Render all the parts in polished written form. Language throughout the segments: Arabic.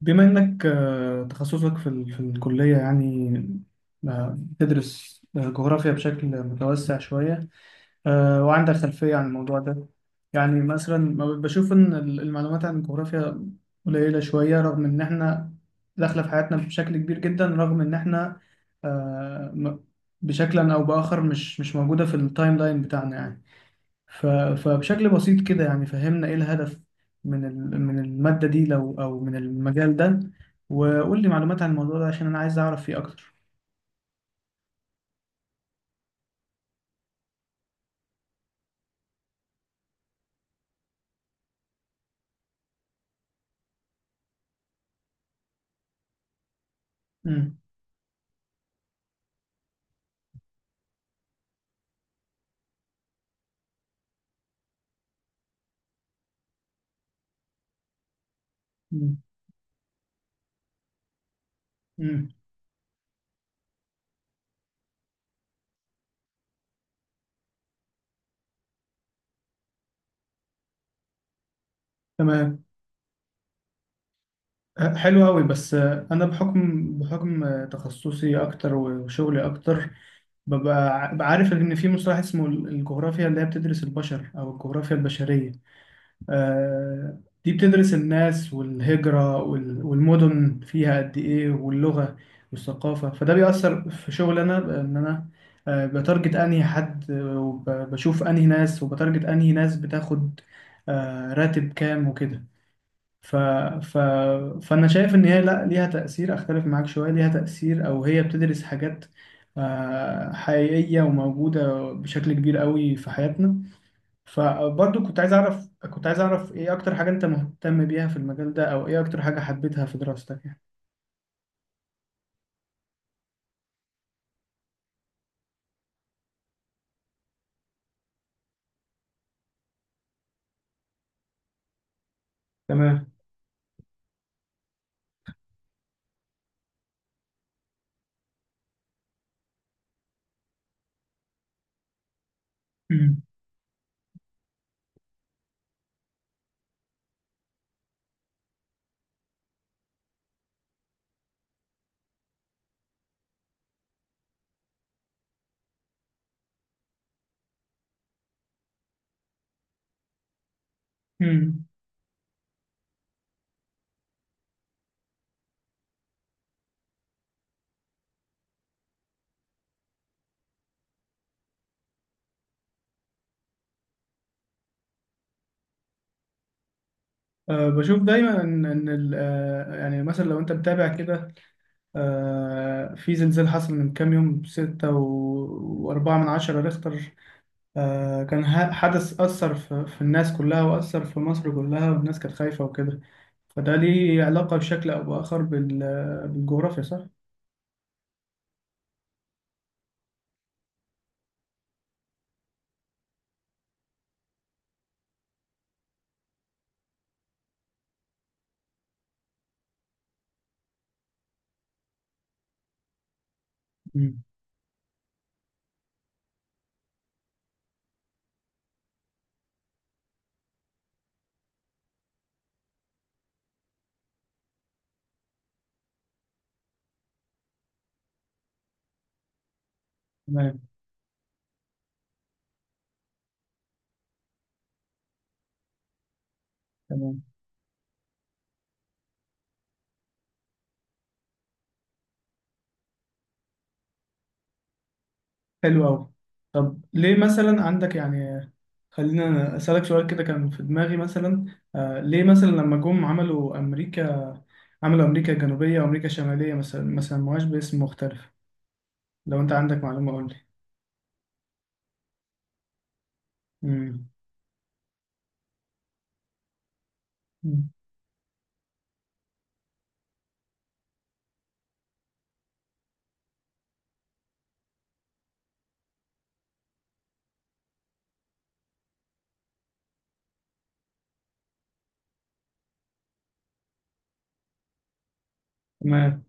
بما إنك تخصصك في الكلية يعني. بتدرس جغرافيا بشكل متوسع شوية. وعندك خلفية عن الموضوع ده. يعني مثلا ما بشوف إن المعلومات عن الجغرافيا قليلة شوية، رغم إن إحنا داخلة في حياتنا بشكل كبير جدا، رغم إن إحنا آه، م- بشكل أو بآخر مش موجودة في التايم لاين بتاعنا يعني. ف- فبشكل بسيط كده يعني فهمنا ايه الهدف من من المادة دي، لو او من المجال ده، وقول لي معلومات عن الموضوع ده عشان انا عايز اعرف فيه اكتر. امم. امم. امم. تمام. حلو قوي. بس انا بحكم تخصصي اكتر وشغلي اكتر، ببقى بعرف ان في مصطلح اسمه الجغرافيا اللي هي بتدرس البشر، او الجغرافيا البشرية. آه، دي بتدرس الناس والهجرة والمدن فيها قد إيه واللغة والثقافة، فده بيأثر في شغل أنا، إن أنا بتارجت أنهي حد، وبشوف أنهي ناس، وبتارجت أنهي ناس بتاخد راتب كام وكده. ف... ف... فأنا شايف إن هي لأ، ليها تأثير، أختلف معاك شوية، ليها تأثير، أو هي بتدرس حاجات حقيقية وموجودة بشكل كبير قوي في حياتنا. فبرضو كنت عايز اعرف ايه اكتر حاجة انت مهتم بيها في المجال ده، او ايه اكتر حاجة حبيتها في دراستك يعني. تمام. مم. مم. أه، بشوف دايما ان يعني مثلا لو انت متابع كده، أه في زلزال حصل من كام يوم، ستة وأربعة من عشرة ريختر. أه، كان حدث أثر في الناس كلها، وأثر في مصر كلها، والناس كانت خايفة وكده. فده ليه علاقة بشكل أو بآخر بالجغرافيا صح؟ مم. تمام. تمام. حلو أوي. طب ليه مثلا عندك يعني، خلينا أسألك سؤال كده كان في دماغي مثلا. آه، ليه مثلا لما جم عملوا أمريكا، عملوا أمريكا الجنوبية وأمريكا الشمالية، مثلا ما سموهاش باسم مختلف؟ لو أنت عندك معلومة قول لي. مم. مم. تمام.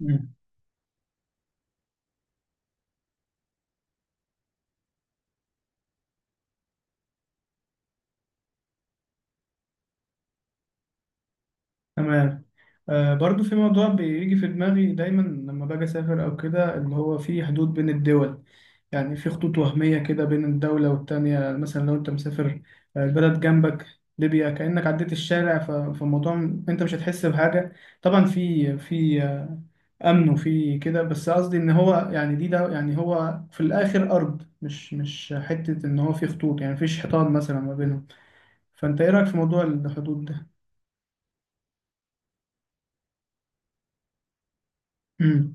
مم. تمام. برضو في موضوع بيجي في دماغي دايما لما باجي أسافر أو كده، اللي هو في حدود بين الدول، يعني في خطوط وهمية كده بين الدولة والتانية. مثلا لو أنت مسافر البلد جنبك ليبيا، كأنك عديت الشارع. فالموضوع أنت مش هتحس بحاجة، طبعا في أمن وفي كده، بس قصدي إن هو يعني، ده يعني هو في الآخر أرض، مش حتة، إن هو في خطوط، يعني مفيش حيطان مثلا ما بينهم. فأنت إيه رأيك في موضوع الحدود ده؟ امم.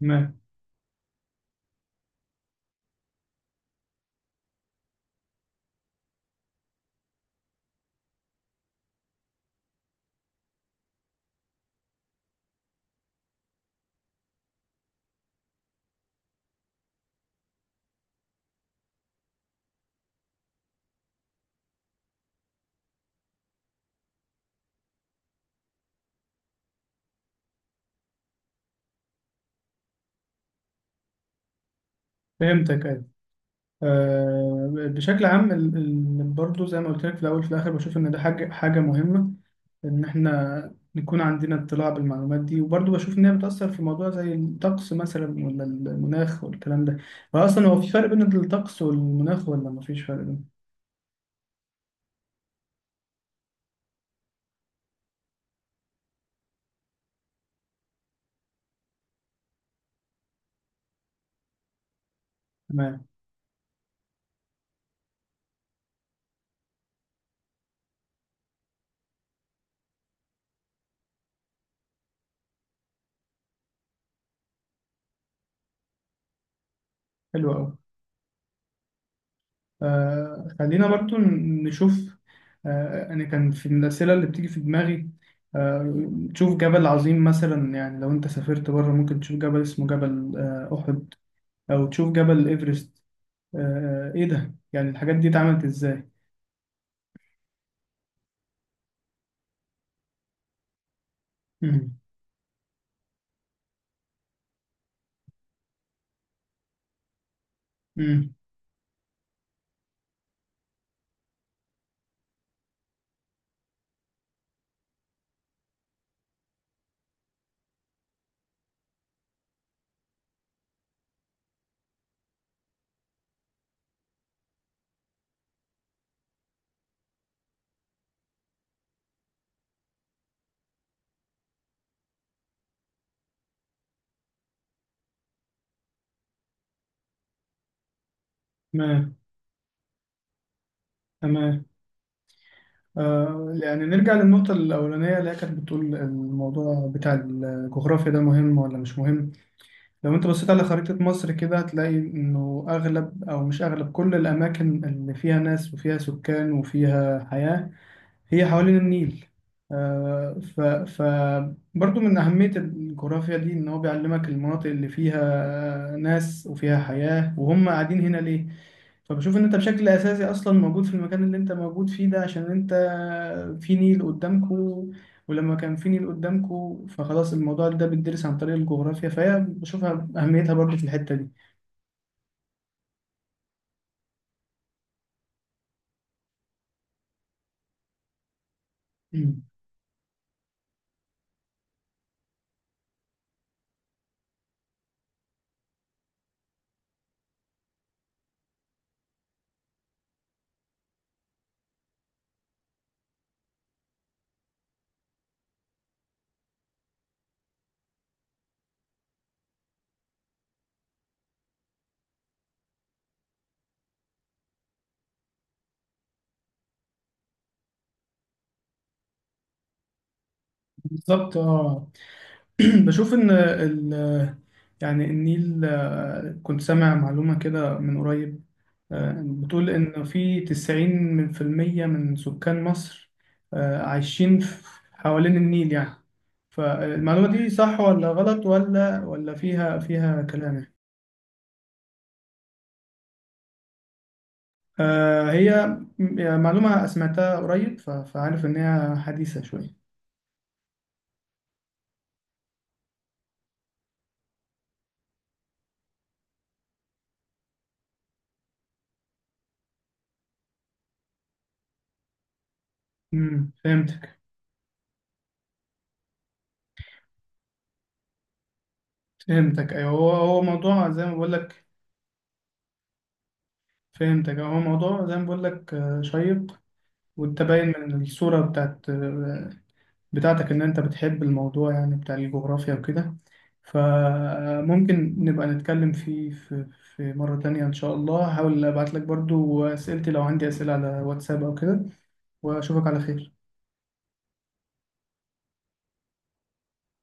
تمام. فهمتك، أيوة. بشكل عام برضو زي ما قلت لك في الأول، في الآخر بشوف إن ده حاجة مهمة، إن إحنا نكون عندنا اطلاع بالمعلومات دي، وبرضو بشوف إن هي بتأثر في موضوع زي الطقس مثلا، ولا المناخ والكلام ده. فأصلا هو في فرق بين الطقس والمناخ، ولا مفيش فرق بينهم؟ تمام. حلو أوي. خلينا برضو نشوف، أنا كان في الأسئلة اللي بتيجي في دماغي، تشوف جبل عظيم مثلا. يعني لو أنت سافرت بره ممكن تشوف جبل اسمه جبل أحد، او تشوف جبل ايفرست، ايه ده يعني، الحاجات دي اتعملت ازاي؟ امم. امم. تمام. تمام. آه، يعني نرجع للنقطة الأولانية اللي هي كانت بتقول الموضوع بتاع الجغرافيا ده مهم ولا مش مهم. لو أنت بصيت على خريطة مصر كده، هتلاقي إنه أغلب، أو مش أغلب، كل الأماكن اللي فيها ناس وفيها سكان وفيها حياة، هي حوالين النيل. ف برضو من أهمية الجغرافيا دي إن هو بيعلمك المناطق اللي فيها ناس وفيها حياة، وهم قاعدين هنا ليه. فبشوف إن أنت بشكل أساسي أصلا موجود في المكان اللي أنت موجود فيه ده عشان أنت في نيل قدامكوا، ولما كان في نيل قدامكوا فخلاص، الموضوع ده بيدرس عن طريق الجغرافيا، فهي بشوفها أهميتها برضو في الحتة دي. مم. بالظبط، اه. بشوف ان يعني النيل، كنت سامع معلومة كده من قريب، بتقول ان في 90 من في المية من سكان مصر عايشين حوالين النيل يعني. فالمعلومة دي صح ولا غلط، ولا فيها كلام يعني؟ هي يعني معلومة سمعتها قريب، فعارف ان هي حديثة شوية. امم، فهمتك. فهمتك، ايوه. هو موضوع زي ما بقول لك، فهمتك. هو موضوع زي ما بقول لك شيق، وانت باين من الصورة بتاعتك ان انت بتحب الموضوع يعني بتاع الجغرافيا وكده، فممكن نبقى نتكلم فيه في مرة تانية ان شاء الله. هحاول ابعت لك برضو اسئلتي لو عندي اسئلة على واتساب او كده، واشوفك على خير.